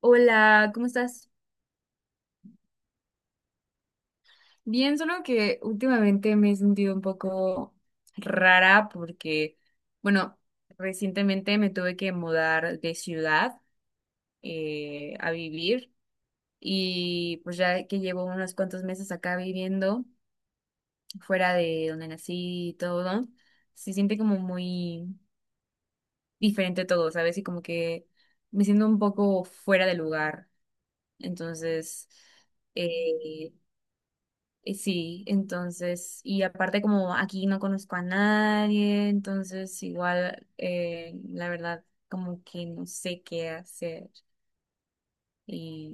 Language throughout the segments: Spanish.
Hola, ¿cómo estás? Bien, solo que últimamente me he sentido un poco rara porque, bueno, recientemente me tuve que mudar de ciudad a vivir, y pues ya que llevo unos cuantos meses acá viviendo, fuera de donde nací y todo, se siente como muy diferente todo, ¿sabes? Y como que me siento un poco fuera de lugar. Entonces... Eh, Sí, entonces, y aparte como aquí no conozco a nadie, entonces igual, la verdad, como que no sé qué hacer. Y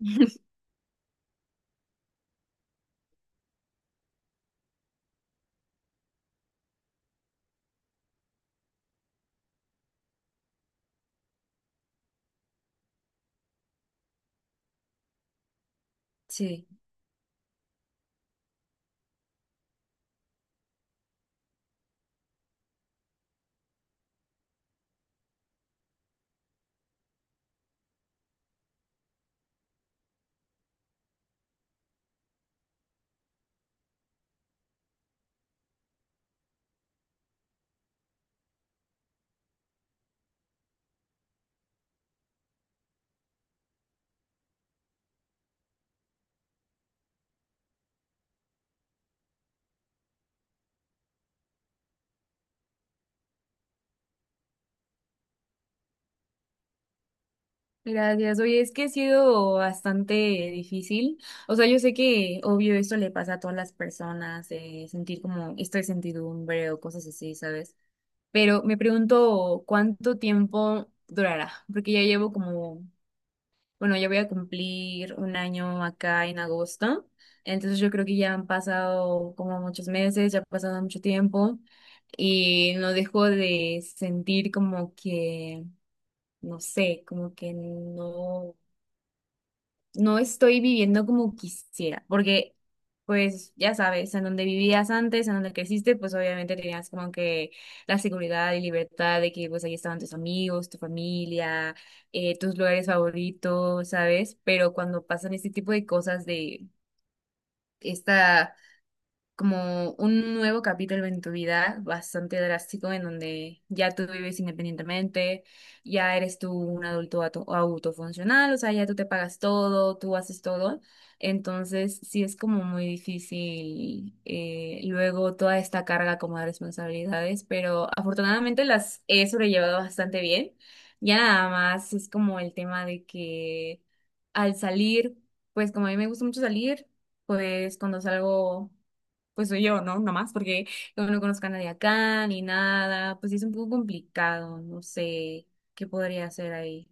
sí, gracias. Oye, es que ha sido bastante difícil. O sea, yo sé que obvio esto le pasa a todas las personas, sentir como esto de sentidumbre o cosas así, ¿sabes? Pero me pregunto cuánto tiempo durará, porque ya llevo como... Bueno, yo voy a cumplir un año acá en agosto, entonces yo creo que ya han pasado como muchos meses, ya ha pasado mucho tiempo, y no dejo de sentir como que, no sé, como que no estoy viviendo como quisiera, porque pues ya sabes, en donde vivías antes, en donde creciste, pues obviamente tenías como que la seguridad y libertad de que pues ahí estaban tus amigos, tu familia, tus lugares favoritos, ¿sabes? Pero cuando pasan este tipo de cosas de esta como un nuevo capítulo en tu vida, bastante drástico, en donde ya tú vives independientemente, ya eres tú un adulto autofuncional, o sea, ya tú te pagas todo, tú haces todo. Entonces, sí es como muy difícil, luego toda esta carga como de responsabilidades, pero afortunadamente las he sobrellevado bastante bien. Ya nada más es como el tema de que al salir, pues como a mí me gusta mucho salir, pues cuando salgo pues soy yo, ¿no? Nomás, porque yo no conozco a nadie acá ni nada, pues sí es un poco complicado, no sé qué podría hacer ahí.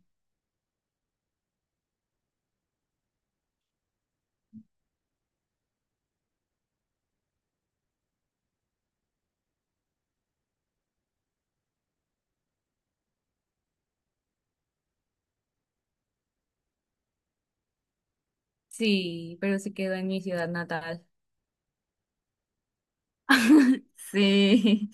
Sí, pero se quedó en mi ciudad natal. Sí.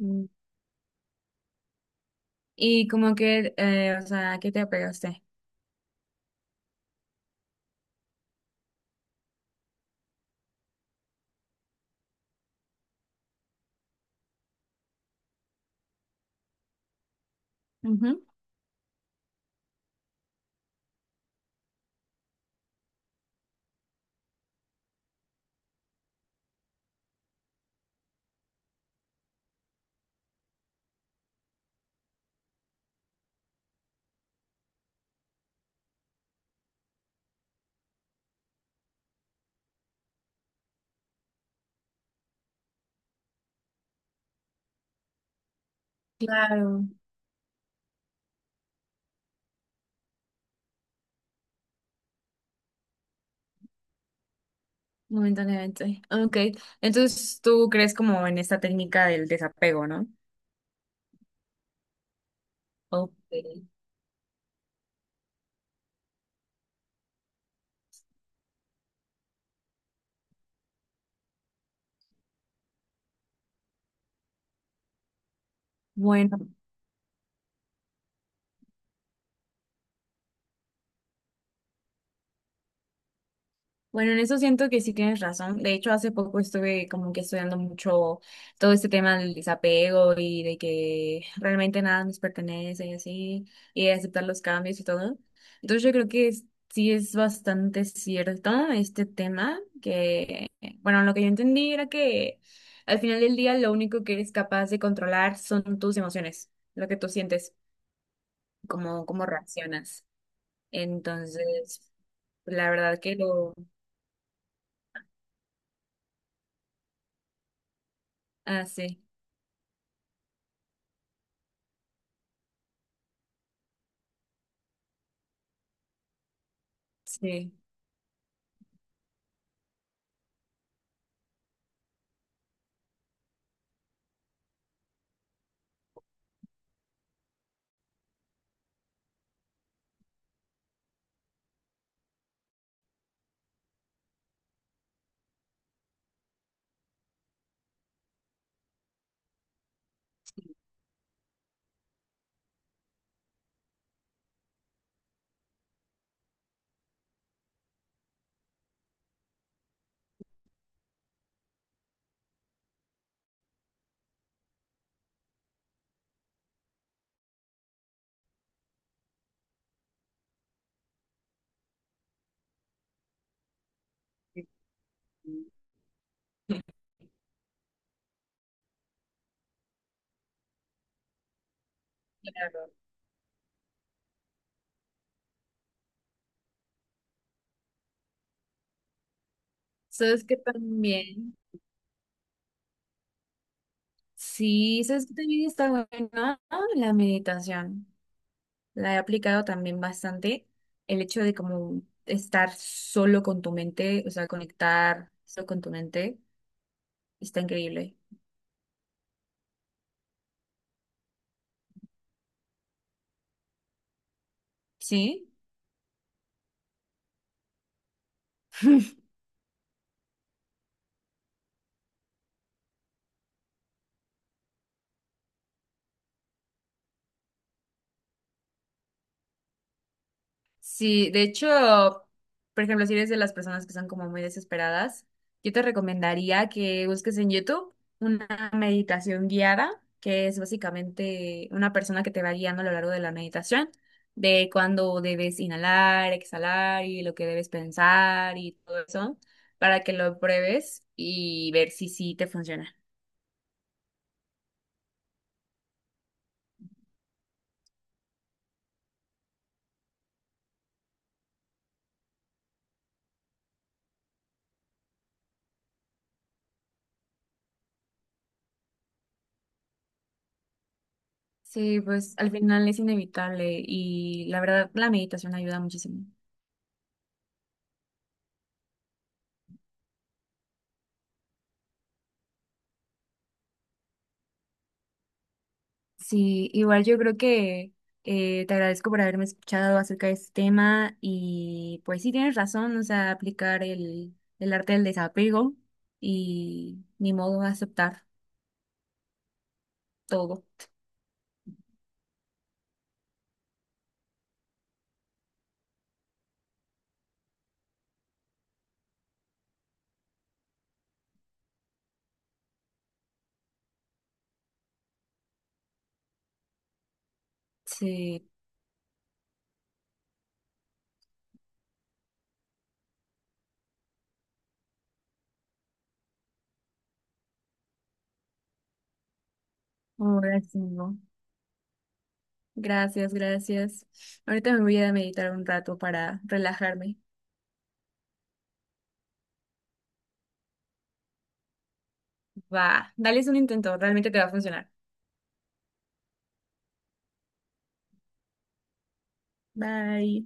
Mm. Y como que, o sea, ¿qué te apegaste? Ujú. Claro, momentáneamente. Ok, entonces tú crees como en esta técnica del desapego, ¿no? Ok. Bueno. Bueno, en eso siento que sí tienes razón. De hecho, hace poco estuve como que estudiando mucho todo este tema del desapego y de que realmente nada nos pertenece y así, y de aceptar los cambios y todo. Entonces yo creo que sí es bastante cierto este tema, que, bueno, lo que yo entendí era que al final del día lo único que eres capaz de controlar son tus emociones, lo que tú sientes, cómo, cómo reaccionas. Entonces, la verdad que lo... Ah, sí. Sí. Ujú. Claro. Sabes que también, sí, sabes que también está buena la meditación. La he aplicado también bastante. El hecho de como estar solo con tu mente, o sea, conectar solo con tu mente, está increíble. ¿Sí? Sí, de hecho, por ejemplo, si eres de las personas que son como muy desesperadas, yo te recomendaría que busques en YouTube una meditación guiada, que es básicamente una persona que te va guiando a lo largo de la meditación, de cuándo debes inhalar, exhalar y lo que debes pensar y todo eso, para que lo pruebes y ver si sí te funciona. Sí, pues al final es inevitable y la verdad la meditación ayuda muchísimo. Sí, igual yo creo que te agradezco por haberme escuchado acerca de este tema y pues sí tienes razón, o sea, aplicar el arte del desapego y ni modo aceptar todo. Sí, ahora sí, ¿no? Gracias, gracias. Ahorita me voy a meditar un rato para relajarme. Va, dales un intento, realmente te va a funcionar. Bye.